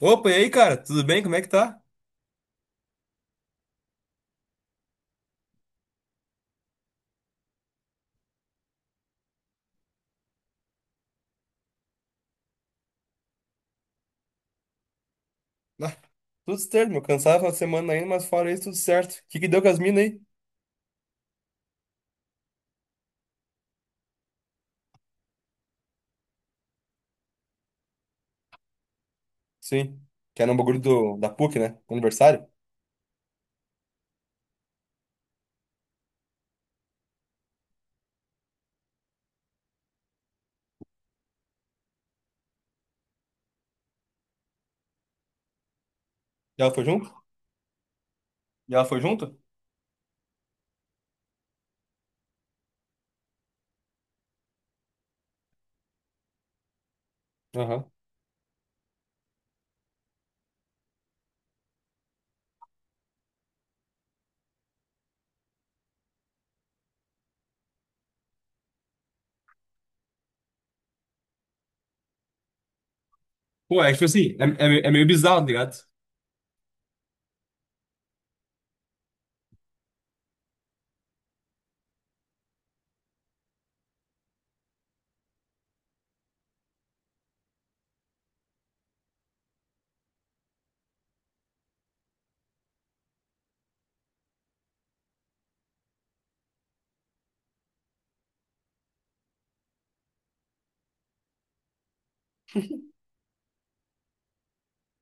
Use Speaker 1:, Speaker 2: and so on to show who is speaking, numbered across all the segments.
Speaker 1: Opa, e aí, cara? Tudo bem? Como é que tá? Ah, tudo certo, meu. Cansado a semana ainda, mas fora isso, tudo certo. O que que deu com as minas aí? Sim. Que era um bagulho da PUC, né? Aniversário. E ela foi junto? E ela foi junto? Aham. Pô, é que, tipo assim, é meio bizarro, tá ligado?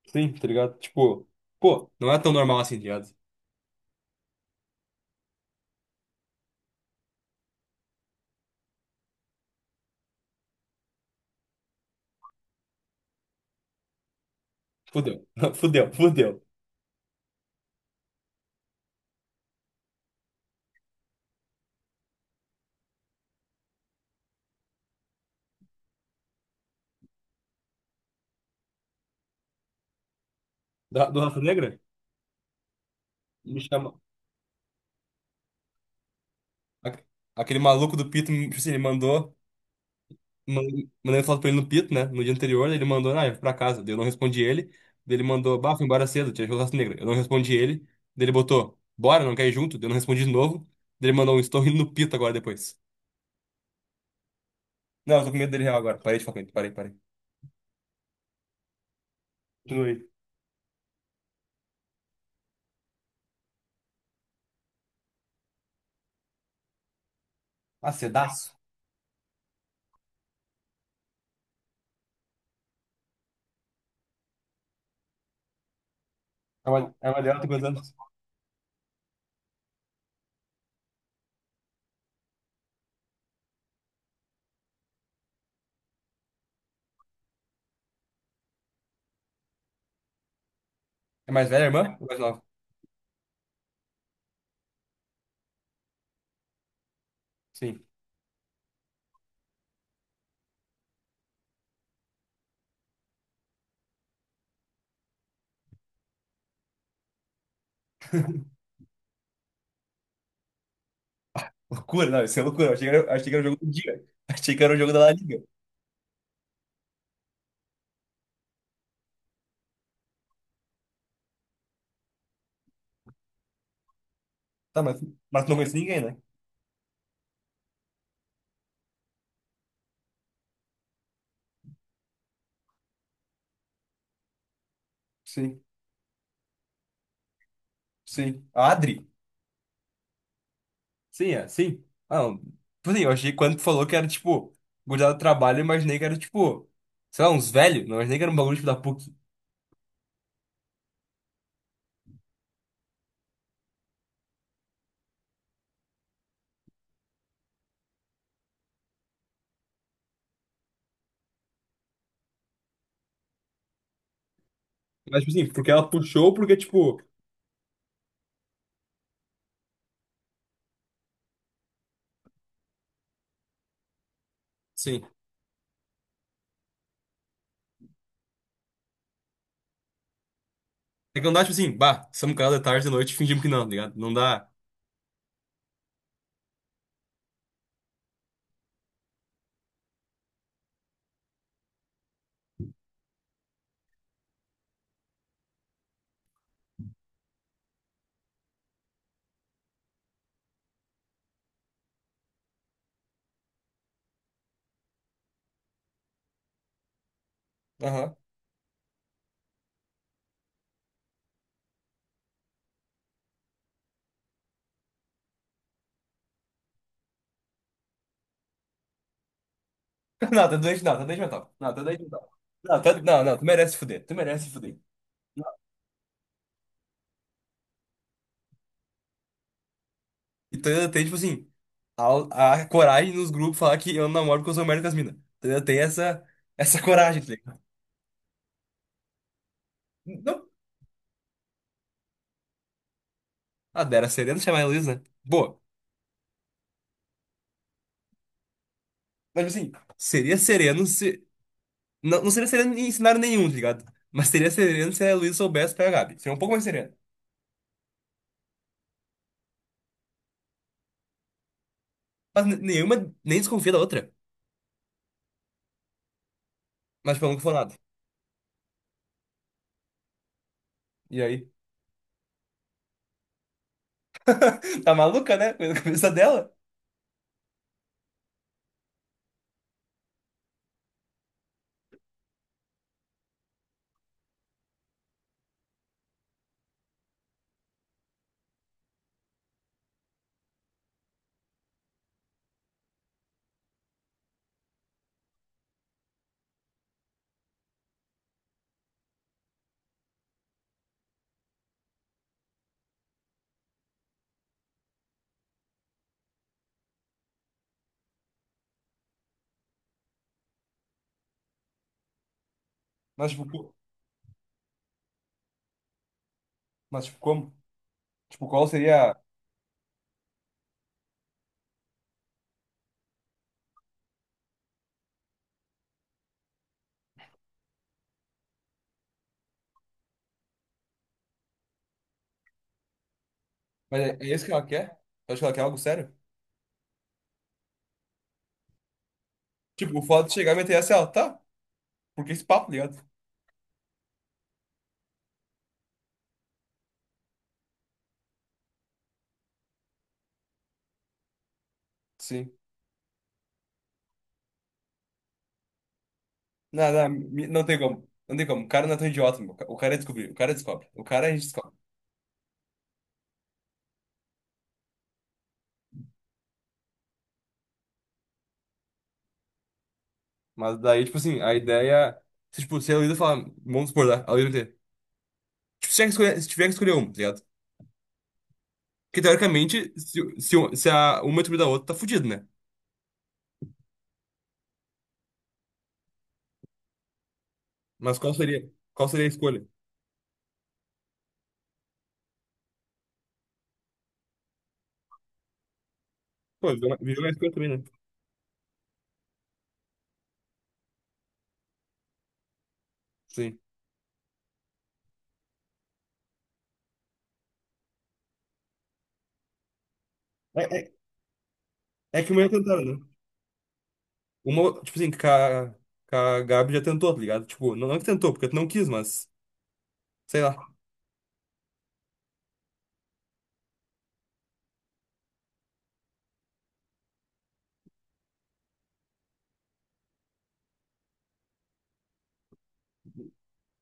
Speaker 1: Sim, tá ligado? Tipo, pô, não é tão normal assim, tá ligado? Fudeu, fudeu, fudeu. Da, do Rafa Negra? Me chama. Aque- Aquele maluco do Pito, tipo assim, ele mandou. Mandei foto pra ele no Pito, né? No dia anterior, ele mandou, ah, eu fui pra casa. Daí eu não respondi ele. Daí ele mandou, bah, fui embora cedo, tinha churrasco negro. Eu não respondi ele. Daí ele botou, bora, não quer ir junto? Daí eu não respondi de novo. Daí ele mandou um, estou indo no Pito agora depois. Não, eu tô com medo dele real agora. Parei de falar com ele, parei, parei. Continue. Ah, cedaço. É uma dela, tem quantos anos? É mais velha, irmã? Ou mais nova? Sim. Loucura, não, isso é loucura. Eu achei que era o jogo do dia. Achei que era o jogo da La Liga. Tá, mas tu não conhece ninguém, né? Sim, sim. A Adri? Sim, é, sim. Ah, não. Tipo assim, eu achei que quando tu falou que era, tipo, gurizada do trabalho, eu imaginei que era, tipo, sei lá, uns velhos. Não imaginei que era um bagulho, tipo, da PUC. Mas, tipo assim, porque ela puxou, porque, tipo... Sim. É que não dá, tipo assim, bah, estamos em casa de tarde, de noite, fingimos que não, tá ligado? Não dá... Aham. Não, tá doente, não, tá doente mental. Não, tá doente mental. Não, não, tu merece se fuder, tu merece se fuder. Não. Então ainda tem, tipo assim, a coragem nos grupos falar que eu não namoro porque eu sou merda com as minas. Ainda tem essa, essa coragem, tá ligado? Não. Ah, era sereno chamar a Heloísa? Né? Boa. Mas assim, seria sereno se. Não, não seria sereno em cenário nenhum, tá ligado? Mas seria sereno se a Heloísa soubesse pegar a Gabi. Seria um pouco mais sereno. Nenhuma nem desconfia da outra. Mas tipo, ela nunca falou nada. E aí? Tá maluca, né? Coisa da cabeça dela. Mas tipo, co- mas, tipo, como? Tipo, qual seria. Mas é é isso que ela quer? Eu acho que ela quer algo sério. Tipo, o fato de chegar e meter essa, ela, tá? Porque esse papo, tá ligado? Sim. Não tem como. Não tem como. O cara não é tão idiota, meu. O cara descobriu. O cara descobre. O cara a gente descobre. Mas daí, tipo assim, a ideia. Se, tipo, se a Luísa falar, vamos supor, tá? A Luísa vai ter. Tipo, se tiver que escolher, se tiver que escolher uma, tá ligado? Porque teoricamente, se a uma excluir da outra, tá fudido, né? Mas qual seria? Qual seria a escolha? Pô, virou uma escolha também, né? Sim. É, é que uma já tentaram, né? Uma, tipo assim, que a Gabi já tentou, tá ligado? Tipo, não, não que tentou, porque tu não quis, mas. Sei lá.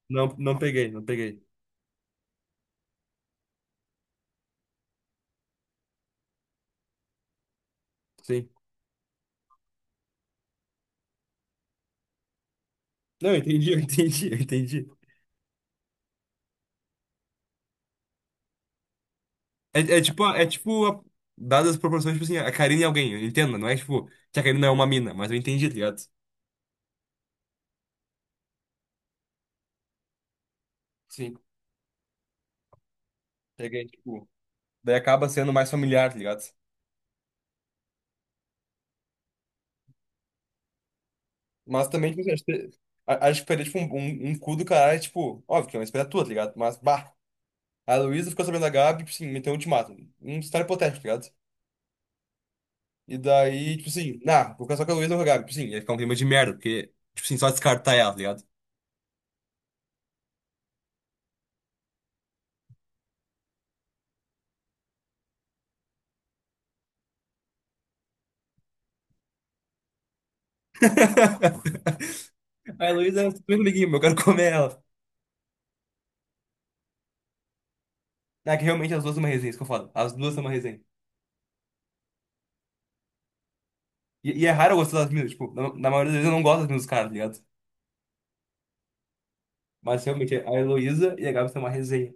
Speaker 1: Não, não peguei, não peguei. Sim. Não, eu entendi, eu entendi, eu entendi. É, é tipo, é tipo a- Dadas as proporções, tipo assim, a Karina e alguém, entenda, não é tipo que a Karina é uma mina, mas eu entendi, tá ligado? Sim. Peguei, tipo, daí acaba sendo mais familiar, tá ligado? Mas também, tipo, assim, acho que, acho que perder, tipo, um, um cu do caralho, tipo, óbvio que é uma escolha tua, tá ligado? Mas, bah, a Luísa ficou sabendo da Gabi, tipo assim, meteu um ultimato. Um cenário hipotético, tá ligado? E daí, tipo assim, nah, vou casar com a Luísa ou com a Gabi, tipo sim, assim. Ia ficar um clima de merda, porque, tipo assim, só descartar ela, tá ligado? A Luísa é um super amiguinho, eu quero comer ela. É que realmente as duas são uma resenha, isso que eu falo. As duas são uma resenha. E é raro eu gostar das minas, tipo, na, na maioria das vezes eu não gosto das minas dos caras, tá ligado? Mas realmente a Heloísa e a Gabi são uma resenha.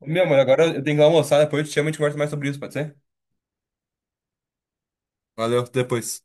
Speaker 1: Meu, mano, agora eu tenho que almoçar, depois eu te chamo e a gente conversa mais sobre isso, pode ser? Valeu, até depois.